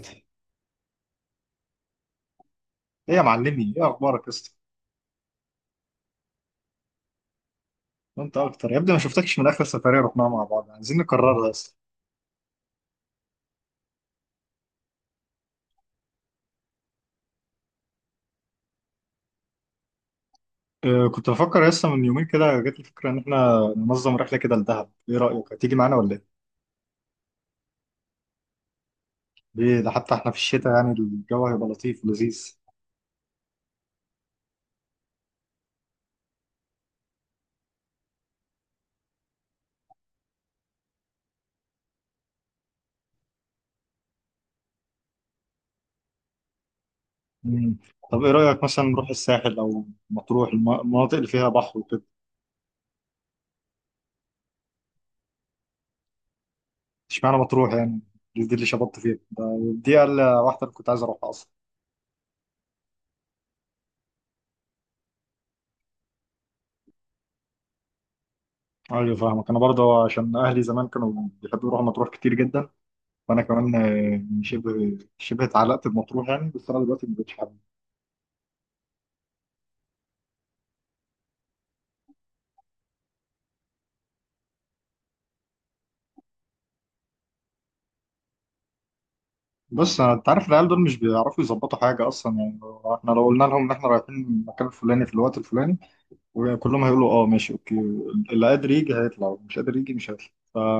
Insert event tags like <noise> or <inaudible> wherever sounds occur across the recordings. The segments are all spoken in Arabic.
ايه يا معلمي، ايه اخبارك يا اسطى؟ وانت اكتر يا ابني، ما شفتكش من اخر سفريه رحناها مع بعض. عايزين نكررها يا اسطى. أه، كنت بفكر يا اسطى من يومين كده جات لي فكره ان احنا ننظم رحله كده لدهب. ايه رايك، هتيجي معانا ولا ايه؟ ليه؟ ده حتى احنا في الشتاء، يعني الجو هيبقى لطيف ولذيذ. مم. طب ايه رايك مثلا نروح الساحل او مطروح، المناطق اللي فيها بحر وكده؟ اشمعنى مطروح يعني؟ دي اللي شبطت فيها، دي اقل واحده اللي كنت عايز اروحها اصلا. ايوه فاهمك، انا برضه عشان اهلي زمان كانوا بيحبوا يروحوا مطروح كتير جدا. وانا كمان آه، شبه شبه اتعلقت بمطروح يعني، بس انا دلوقتي ما بقتش حابب. بص انت عارف العيال دول مش بيعرفوا يظبطوا حاجه اصلا يعني. احنا لو قلنا لهم ان احنا رايحين المكان الفلاني في الوقت الفلاني وكلهم هيقولوا اه ماشي اوكي. اللي قادر يجي هيطلع، مش قادر يجي مش هيطلع.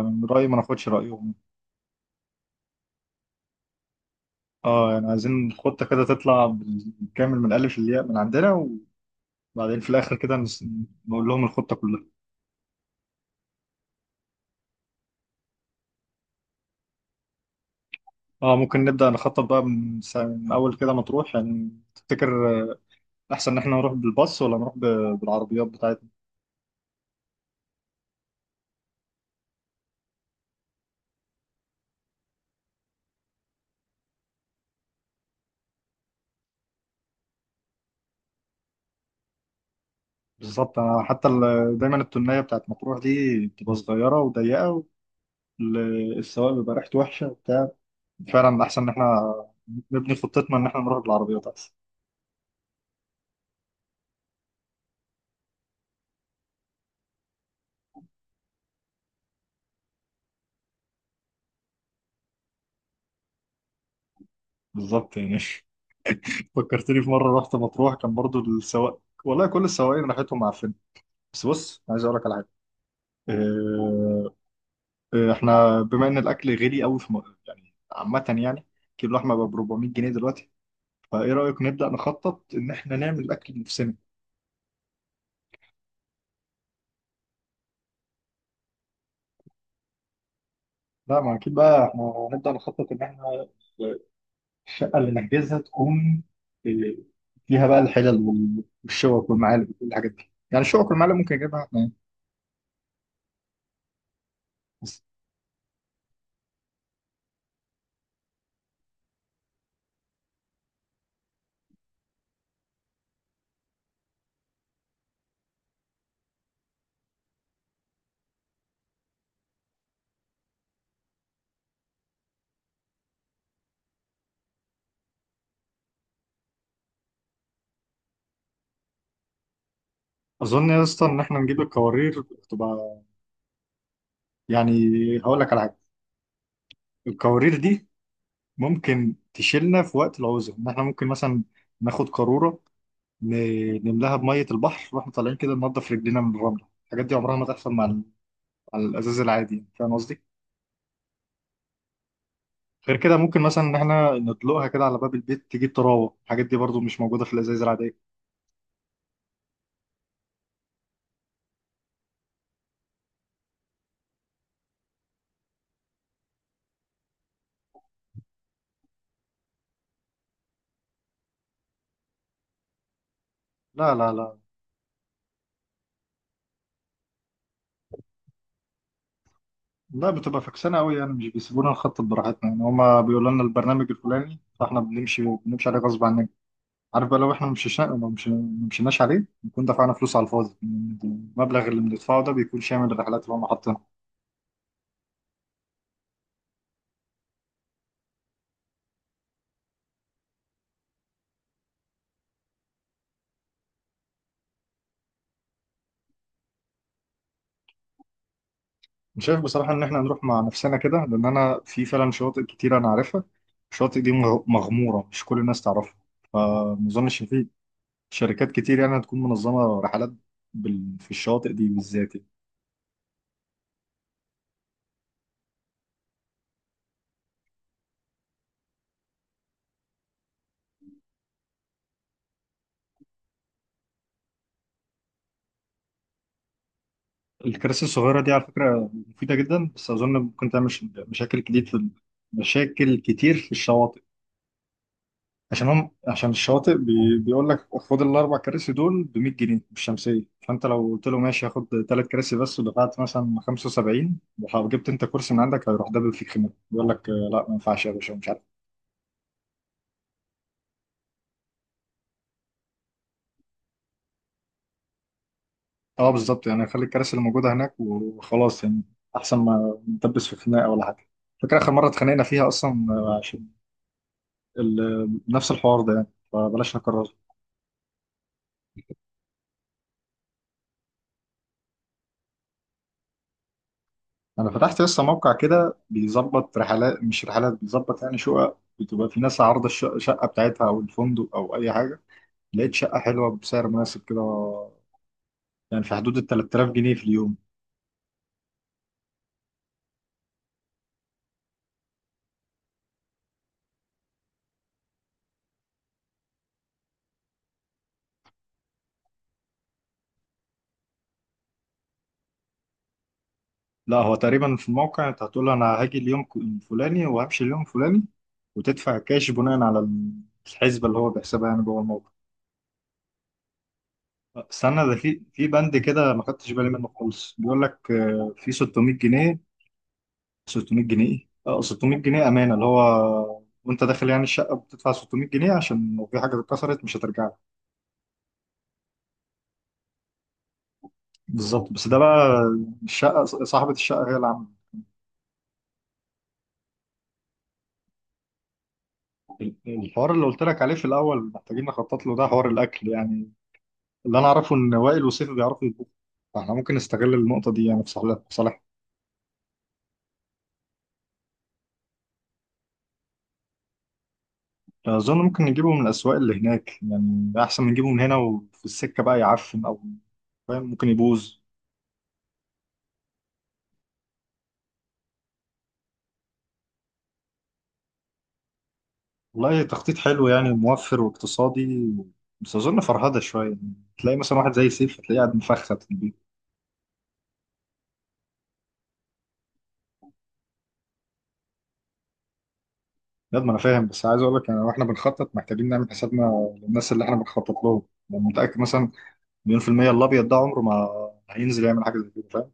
من رايي ما ناخدش رايهم. اه، يعني عايزين خطه كده تطلع بالكامل من الالف للياء من عندنا، وبعدين في الاخر كده نقول لهم الخطه كلها. اه، ممكن نبدا نخطط بقى من اول كده. مطروح يعني، تفتكر احسن ان احنا نروح بالباص ولا نروح بالعربيات بتاعتنا؟ بالظبط. انا حتى دايما التونية بتاعت مطروح دي بتبقى صغيره وضيقه، والسواق بيبقى ريحته وحشه وبتاع. فعلا احسن ان احنا نبني خطتنا ان احنا نروح بالعربيات، احسن. بالظبط يعني. <laughs> فكرتني في مره رحت مطروح، كان برضو السواق والله كل السواقين ريحتهم، عارفين. بس بص، عايز اقول لك على حاجه. إيه، إيه، احنا بما ان الاكل غالي قوي يعني عامه يعني، كيلو لحمه ب 400 جنيه دلوقتي، فايه رايك نبدا نخطط ان احنا نعمل اكل بنفسنا؟ لا، ما اكيد بقى احنا نبدا نخطط ان احنا الشقه اللي نحجزها تكون إيه، فيها بقى الحلل والشوك والمعالق وكل الحاجات دي. يعني الشوك والمعالق ممكن نجيبها احنا يعني. بس اظن يا اسطى ان احنا نجيب الكوارير، تبقى يعني. هقول لك على حاجه، الكوارير دي ممكن تشيلنا في وقت العوزه، ان احنا ممكن مثلا ناخد قاروره نملاها بميه البحر واحنا طالعين كده ننضف رجلينا من الرمله. الحاجات دي عمرها ما تحصل مع، على الازاز العادي، فاهم قصدي؟ غير كده ممكن مثلا ان احنا ندلقها كده على باب البيت تجيب تراوه. الحاجات دي برضو مش موجوده في الازايز العاديه. لا لا لا. لا، بتبقى فكسانه قوي يعني، مش بيسيبونا نخطط براحتنا يعني. هما بيقولوا لنا البرنامج الفلاني فاحنا بنمشي عليه غصب عننا. عارف بقى لو احنا ما مشيناش عليه نكون دفعنا فلوس على الفاضي. المبلغ اللي بندفعه ده بيكون شامل الرحلات اللي هم حاطينها. أنا شايف بصراحه ان احنا نروح مع نفسنا كده، لان انا في فعلا شواطئ كتير انا عارفها. الشواطئ دي مغموره، مش كل الناس تعرفها، فما اظنش إن في شركات كتير يعني هتكون منظمة رحلات في الشواطئ دي بالذات يعني. الكراسي الصغيرة دي على فكرة مفيدة جدا، بس أظن ممكن تعمل مشاكل كتير في الشواطئ. عشان هم عشان الشواطئ بيقول لك خد الأربع كراسي دول ب 100 جنيه بالشمسية، فأنت لو قلت له ماشي هاخد ثلاث كراسي بس ودفعت مثلا 75 وجبت أنت كرسي من عندك، هيروح دبل فيك خناقة يقول لك آه، لا ما ينفعش يا باشا ومش عارف. اه بالظبط يعني، خلي الكراسي اللي موجوده هناك وخلاص يعني. احسن ما نتبس في خناقه ولا حاجه. فاكر اخر مره اتخانقنا فيها اصلا آه، عشان نفس الحوار ده يعني، فبلاش نكرره. انا فتحت لسه موقع كده بيظبط رحلات، مش رحلات، بيظبط يعني شقق، بتبقى في ناس عارضه الشقه، الشقة بتاعتها او الفندق او اي حاجه. لقيت شقه حلوه بسعر مناسب كده، يعني في حدود ال 3000 جنيه في اليوم. لا هو تقريبا في الموقع انت هتقول انا هاجي اليوم الفلاني وهمشي اليوم الفلاني، وتدفع كاش بناء على الحسبه اللي هو بيحسبها يعني جوه الموقع. استنى، ده في بند كده ما خدتش بالي منه خالص، بيقول لك آه، في 600 جنيه. 600 جنيه ايه؟ اه 600 جنيه امانه، اللي هو وانت داخل يعني الشقه بتدفع 600 جنيه عشان لو في حاجه اتكسرت مش هترجع لك. بالظبط، بس ده بقى الشقه، صاحبه الشقه هي اللي عامله. الحوار اللي قلت لك عليه في الاول محتاجين نخطط له، ده حوار الاكل يعني. اللي انا اعرفه ان وائل وسيف بيعرفوا يطبخوا، فاحنا ممكن نستغل النقطه دي يعني في صالح اظن ممكن نجيبه من الاسواق اللي هناك، يعني ده احسن من نجيبه من هنا، وفي السكه بقى يعفن او، فاهم، ممكن يبوظ. والله تخطيط حلو يعني، موفر واقتصادي. بس اظن فرهده شويه يعني، تلاقي مثلا واحد زي سيف هتلاقيه قاعد مفخت في البيت. بجد ما انا فاهم، بس عايز اقول لك يعني واحنا بنخطط محتاجين نعمل حسابنا للناس اللي احنا بنخطط لهم. يعني متاكد مثلا مليون في المية الابيض ده عمره ما هينزل يعمل حاجه زي كده.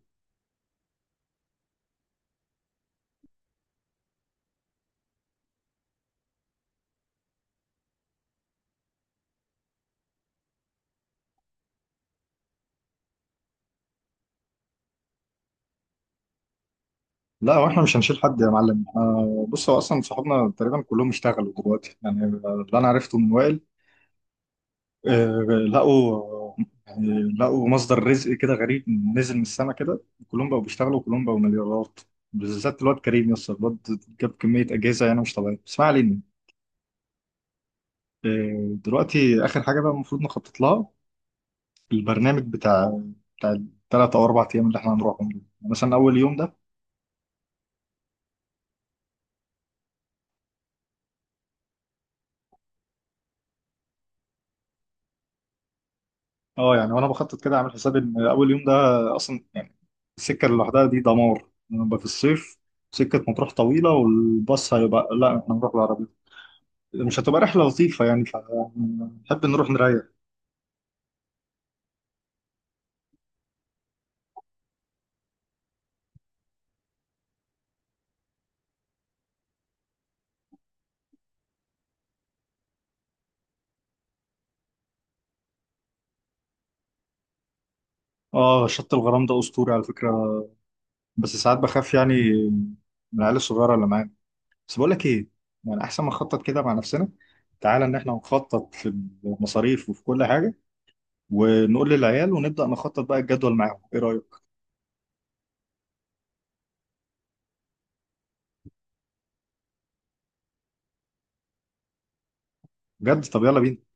لا واحنا مش هنشيل حد يا معلم آه، بص هو اصلا صحابنا تقريبا كلهم اشتغلوا دلوقتي يعني. اللي انا عرفته من وائل آه، لقوا يعني لقوا مصدر رزق كده غريب، نزل من السما كده. كلهم بقوا بيشتغلوا وكلهم بقوا مليارات، بالذات الواد كريم يس. الواد جاب كمية أجهزة يعني مش طبيعية، بس ما علينا. آه، دلوقتي آخر حاجة بقى المفروض نخطط لها، البرنامج بتاع الثلاث أو أربع أيام اللي احنا هنروحهم دول. يعني مثلا أول يوم ده، اه يعني وانا بخطط كده اعمل حسابي ان اول يوم ده اصلا يعني السكه اللي لوحدها دي دمار، نبقى في الصيف. سكه مطروح طويله والباص هيبقى، لا احنا نروح بالعربيه، مش هتبقى رحله لطيفه يعني فنحب نروح نريح. اه شط الغرام ده اسطوري على فكره، بس ساعات بخاف يعني من العيال الصغيره اللي معانا. بس بقول لك ايه، يعني احسن ما نخطط كده مع نفسنا. تعالى ان احنا نخطط في المصاريف وفي كل حاجه، ونقول للعيال ونبدا نخطط بقى الجدول معاهم، ايه رايك؟ بجد؟ طب يلا بينا.